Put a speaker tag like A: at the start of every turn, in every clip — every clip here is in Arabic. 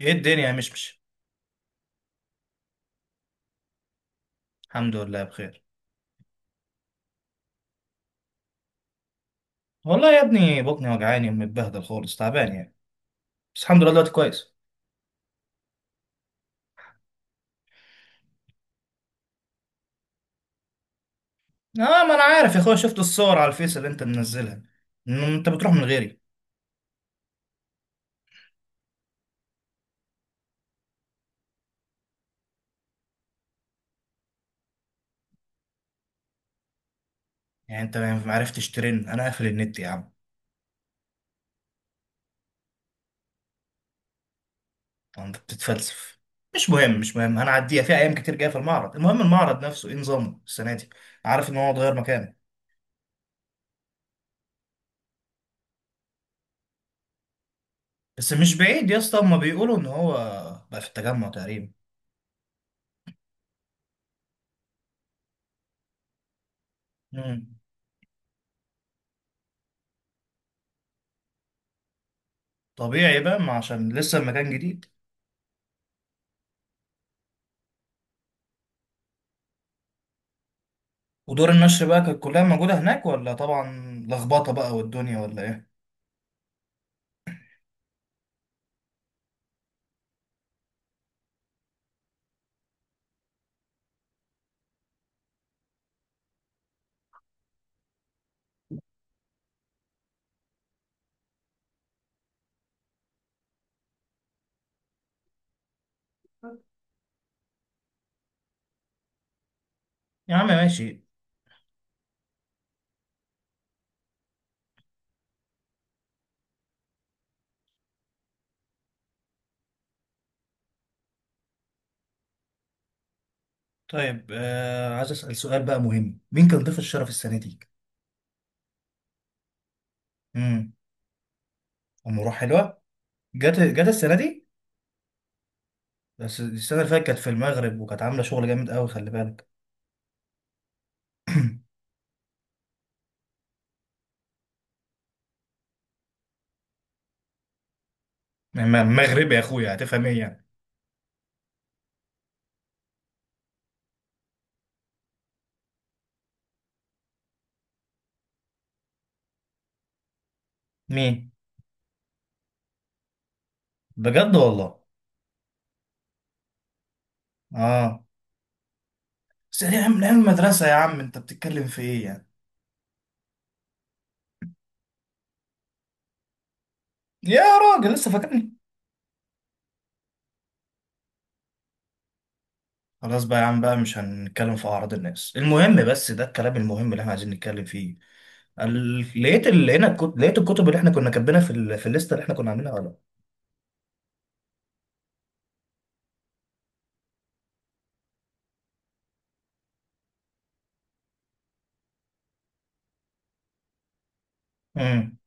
A: ايه الدنيا يا مشمش؟ الحمد لله بخير. والله يا ابني، بطني وجعاني ومتبهدل خالص، تعبان يعني. بس الحمد لله دلوقتي كويس. اه، ما انا عارف يا اخويا. شفت الصور على الفيس اللي انت منزلها. إن انت بتروح من غيري. يعني انت ما عرفتش ترن؟ انا قافل النت يا عم. طب انت بتتفلسف. مش مهم، مش مهم. انا عديها، في ايام كتير جايه في المعرض. المهم، المعرض نفسه ايه نظامه السنه دي؟ عارف ان هو اتغير مكانه. بس مش بعيد يا اسطى. هما بيقولوا ان هو بقى في التجمع تقريبا. مم. طبيعي بقى، ما عشان لسه المكان جديد. ودور النشر بقى كانت كلها موجودة هناك، ولا طبعا لخبطة بقى والدنيا ولا ايه؟ يا عم ماشي. طيب، عايز أسأل سؤال بقى مهم. مين كان ضيف الشرف السنة دي؟ امم أم روح حلوة. جت السنة دي. بس السنة اللي فاتت كانت في المغرب، وكانت عاملة شغل جامد قوي، خلي بالك. مغربي يا اخويا، هتفهم ايه يعني؟ مين؟ بجد والله. اه، بس دي من أيام المدرسة يا عم، انت بتتكلم في ايه يعني؟ يا راجل لسه فاكرني. خلاص بقى يا عم بقى، مش هنتكلم في أعراض الناس. المهم بس ده الكلام المهم اللي احنا عايزين نتكلم فيه. لقيت الكتب اللي احنا كنا كاتبينها في الليستة اللي احنا كنا عاملينها، ولا؟ امم.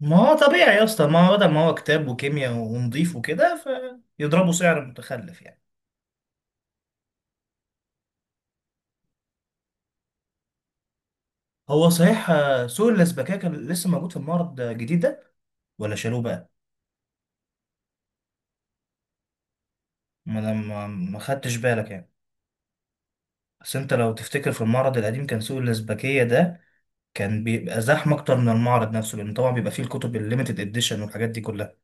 A: ما هو طبيعي يا اسطى، ما هو بدل ما هو كتاب وكيمياء ونضيف وكده، فيضربوا سعر متخلف يعني. هو صحيح، سوق الأسبكية كان لسه موجود في المعرض الجديد ده، ولا شالوه بقى؟ ما انا ما خدتش بالك يعني. بس انت لو تفتكر في المعرض القديم، كان سوق الأسبكية ده كان بيبقى زحمة أكتر من المعرض نفسه، لأن طبعا بيبقى فيه الكتب الليميتد إديشن والحاجات دي كلها.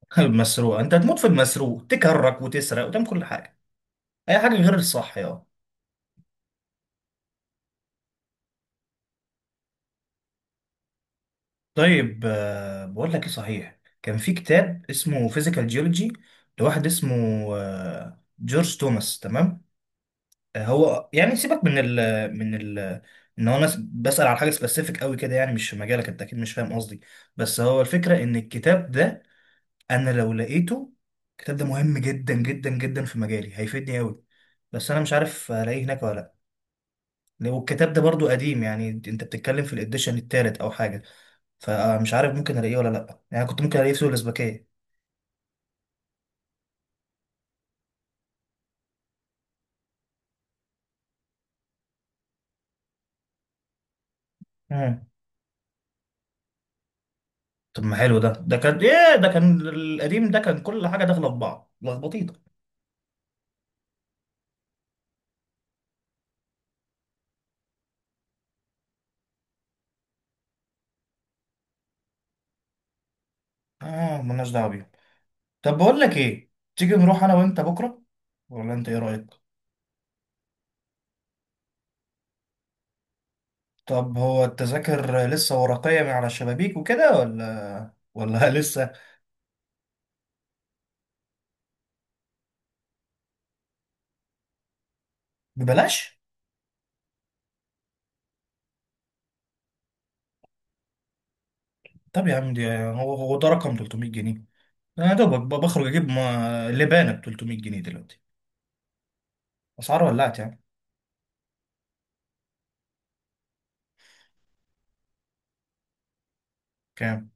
A: المسروقة، أنت هتموت في المسروق، تكرك وتسرق وتعمل كل حاجة. أي حاجة غير الصح، يا. طيب، بقول لك إيه صحيح. كان في كتاب اسمه فيزيكال جيولوجي، لواحد اسمه جورج توماس، تمام. هو يعني سيبك من ال، من ال ان هو ناس بسأل على حاجة سبيسيفيك قوي كده، يعني مش في مجالك، انت اكيد مش فاهم قصدي. بس هو الفكرة ان الكتاب ده، انا لو لقيته، الكتاب ده مهم جدا جدا جدا في مجالي، هيفيدني قوي. بس انا مش عارف الاقيه هناك ولا لا. والكتاب ده برضو قديم، يعني انت بتتكلم في الاديشن التالت او حاجه. فمش عارف ممكن الاقيه ولا لا، يعني كنت ممكن الاقيه في سوق الاسبكيه. مم. طب ما حلو ده كان ايه؟ ده كان القديم، ده كان كل حاجه داخله في بعض لخبطيطه. اه، ملناش دعوه بيه. طب بقول لك ايه، تيجي نروح انا وانت بكره؟ ولا انت ايه رايك؟ طب هو التذاكر لسه ورقيه من على الشبابيك وكده، ولا لسه ببلاش؟ طب يا عم دي، هو ده رقم، 300 جنيه؟ انا يا دوبك بخرج اجيب لبانه ب 300 جنيه دلوقتي. اسعار ولعت يعني. كام؟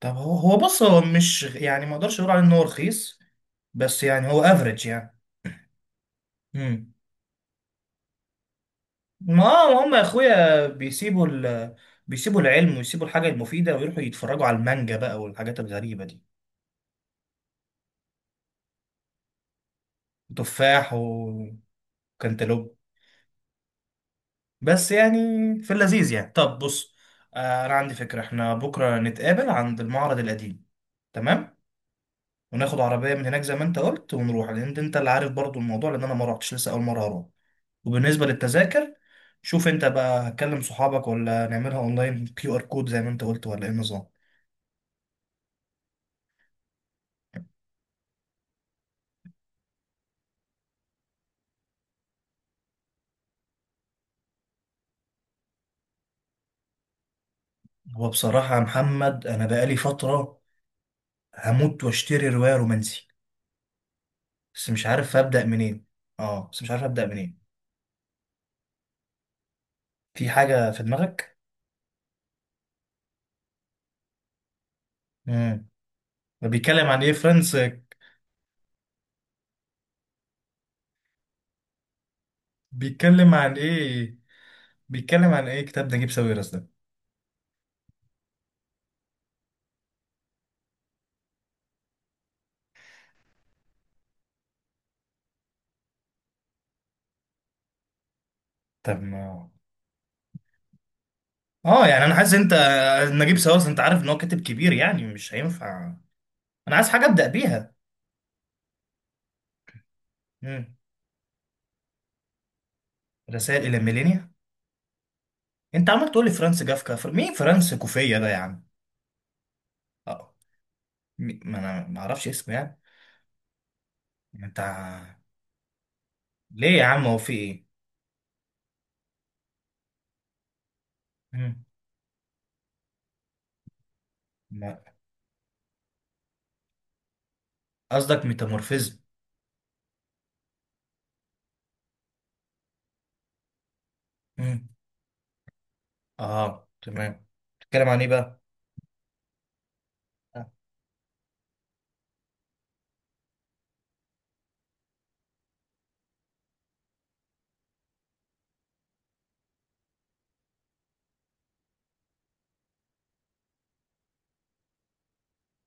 A: طب هو بص، هو مش يعني، ما اقدرش اقول عليه ان هو رخيص، بس يعني هو افريج يعني. امم. ما ما هم يا اخويا بيسيبوا العلم ويسيبوا الحاجه المفيده، ويروحوا يتفرجوا على المانجا بقى والحاجات الغريبه دي. تفاح وكنتالوب. بس يعني في اللذيذ يعني. طب بص، انا عندي فكرة. احنا بكرة نتقابل عند المعرض القديم، تمام؟ وناخد عربية من هناك زي ما انت قلت، ونروح، لان انت اللي عارف برضو الموضوع، لان انا ما رحتش لسه، اول مرة هروح. وبالنسبة للتذاكر، شوف انت بقى، هتكلم صحابك ولا نعملها اونلاين كيو ار كود زي ما انت قلت، ولا ايه النظام؟ هو بصراحة يا محمد، انا بقالي فترة هموت واشتري رواية رومانسي، بس مش عارف ابدأ منين. اه، بس مش عارف ابدأ منين. في حاجة في دماغك؟ امم. بيتكلم عن ايه، فريندز؟ بيتكلم عن ايه؟ بيتكلم عن ايه كتاب نجيب ساويرس ده؟ طب ما، اه يعني انا حاسس انت. نجيب ساويرس، انت عارف ان هو كاتب كبير، يعني مش هينفع. انا عايز حاجه ابدا بيها. امم. رسائل الى ميلينيا؟ انت عمال تقول لي فرانس جافكا، مين فرانس كوفيه ده يا عم؟ اه. ما انا ما اعرفش اسمه يعني. انت ع- ليه يا عم، هو في ايه؟ مم. ما- قصدك ميتامورفيزم؟ مم. اه تمام. بتتكلم عن ايه بقى؟ آه،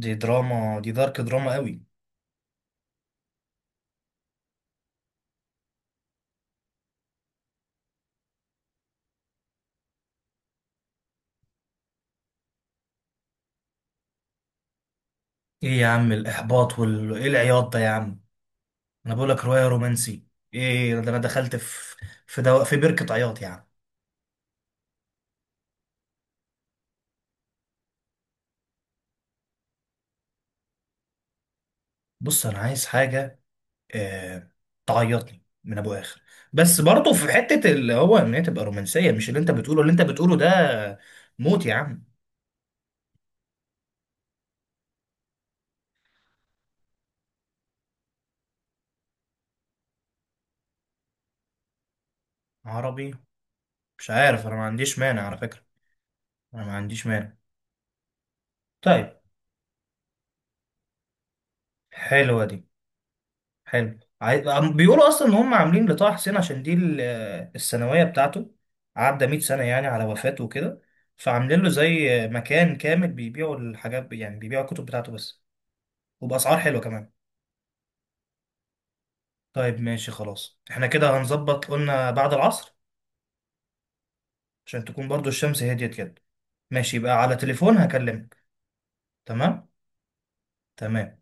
A: دي دراما، دي دارك دراما قوي. ايه يا عم الاحباط وال ايه العياط ده يا عم؟ انا بقول لك روايه رومانسي. ايه ده، انا دخلت في بركه عياط يا عم؟ بص انا عايز حاجه، آه... تعيطني من ابو اخر. بس برضه في حته اللي هو، ان هي تبقى رومانسيه، مش اللي انت بتقوله، اللي انت بتقوله ده موت يا عم. عربي. مش عارف، انا ما عنديش مانع على فكره. انا ما عنديش مانع. طيب. حلوه دي. بيقولوا اصلا ان هم عاملين لطه حسين عشان دي السنويه بتاعته، عدى 100 سنه يعني على وفاته وكده. فعاملين له زي مكان كامل بيبيعوا الحاجات، يعني بيبيعوا الكتب بتاعته بس، وباسعار حلوه كمان. طيب ماشي خلاص، احنا كده هنظبط، قلنا بعد العصر، عشان تكون برضو الشمس هديت كده. ماشي، يبقى على تليفون هكلمك. تمام. تمام.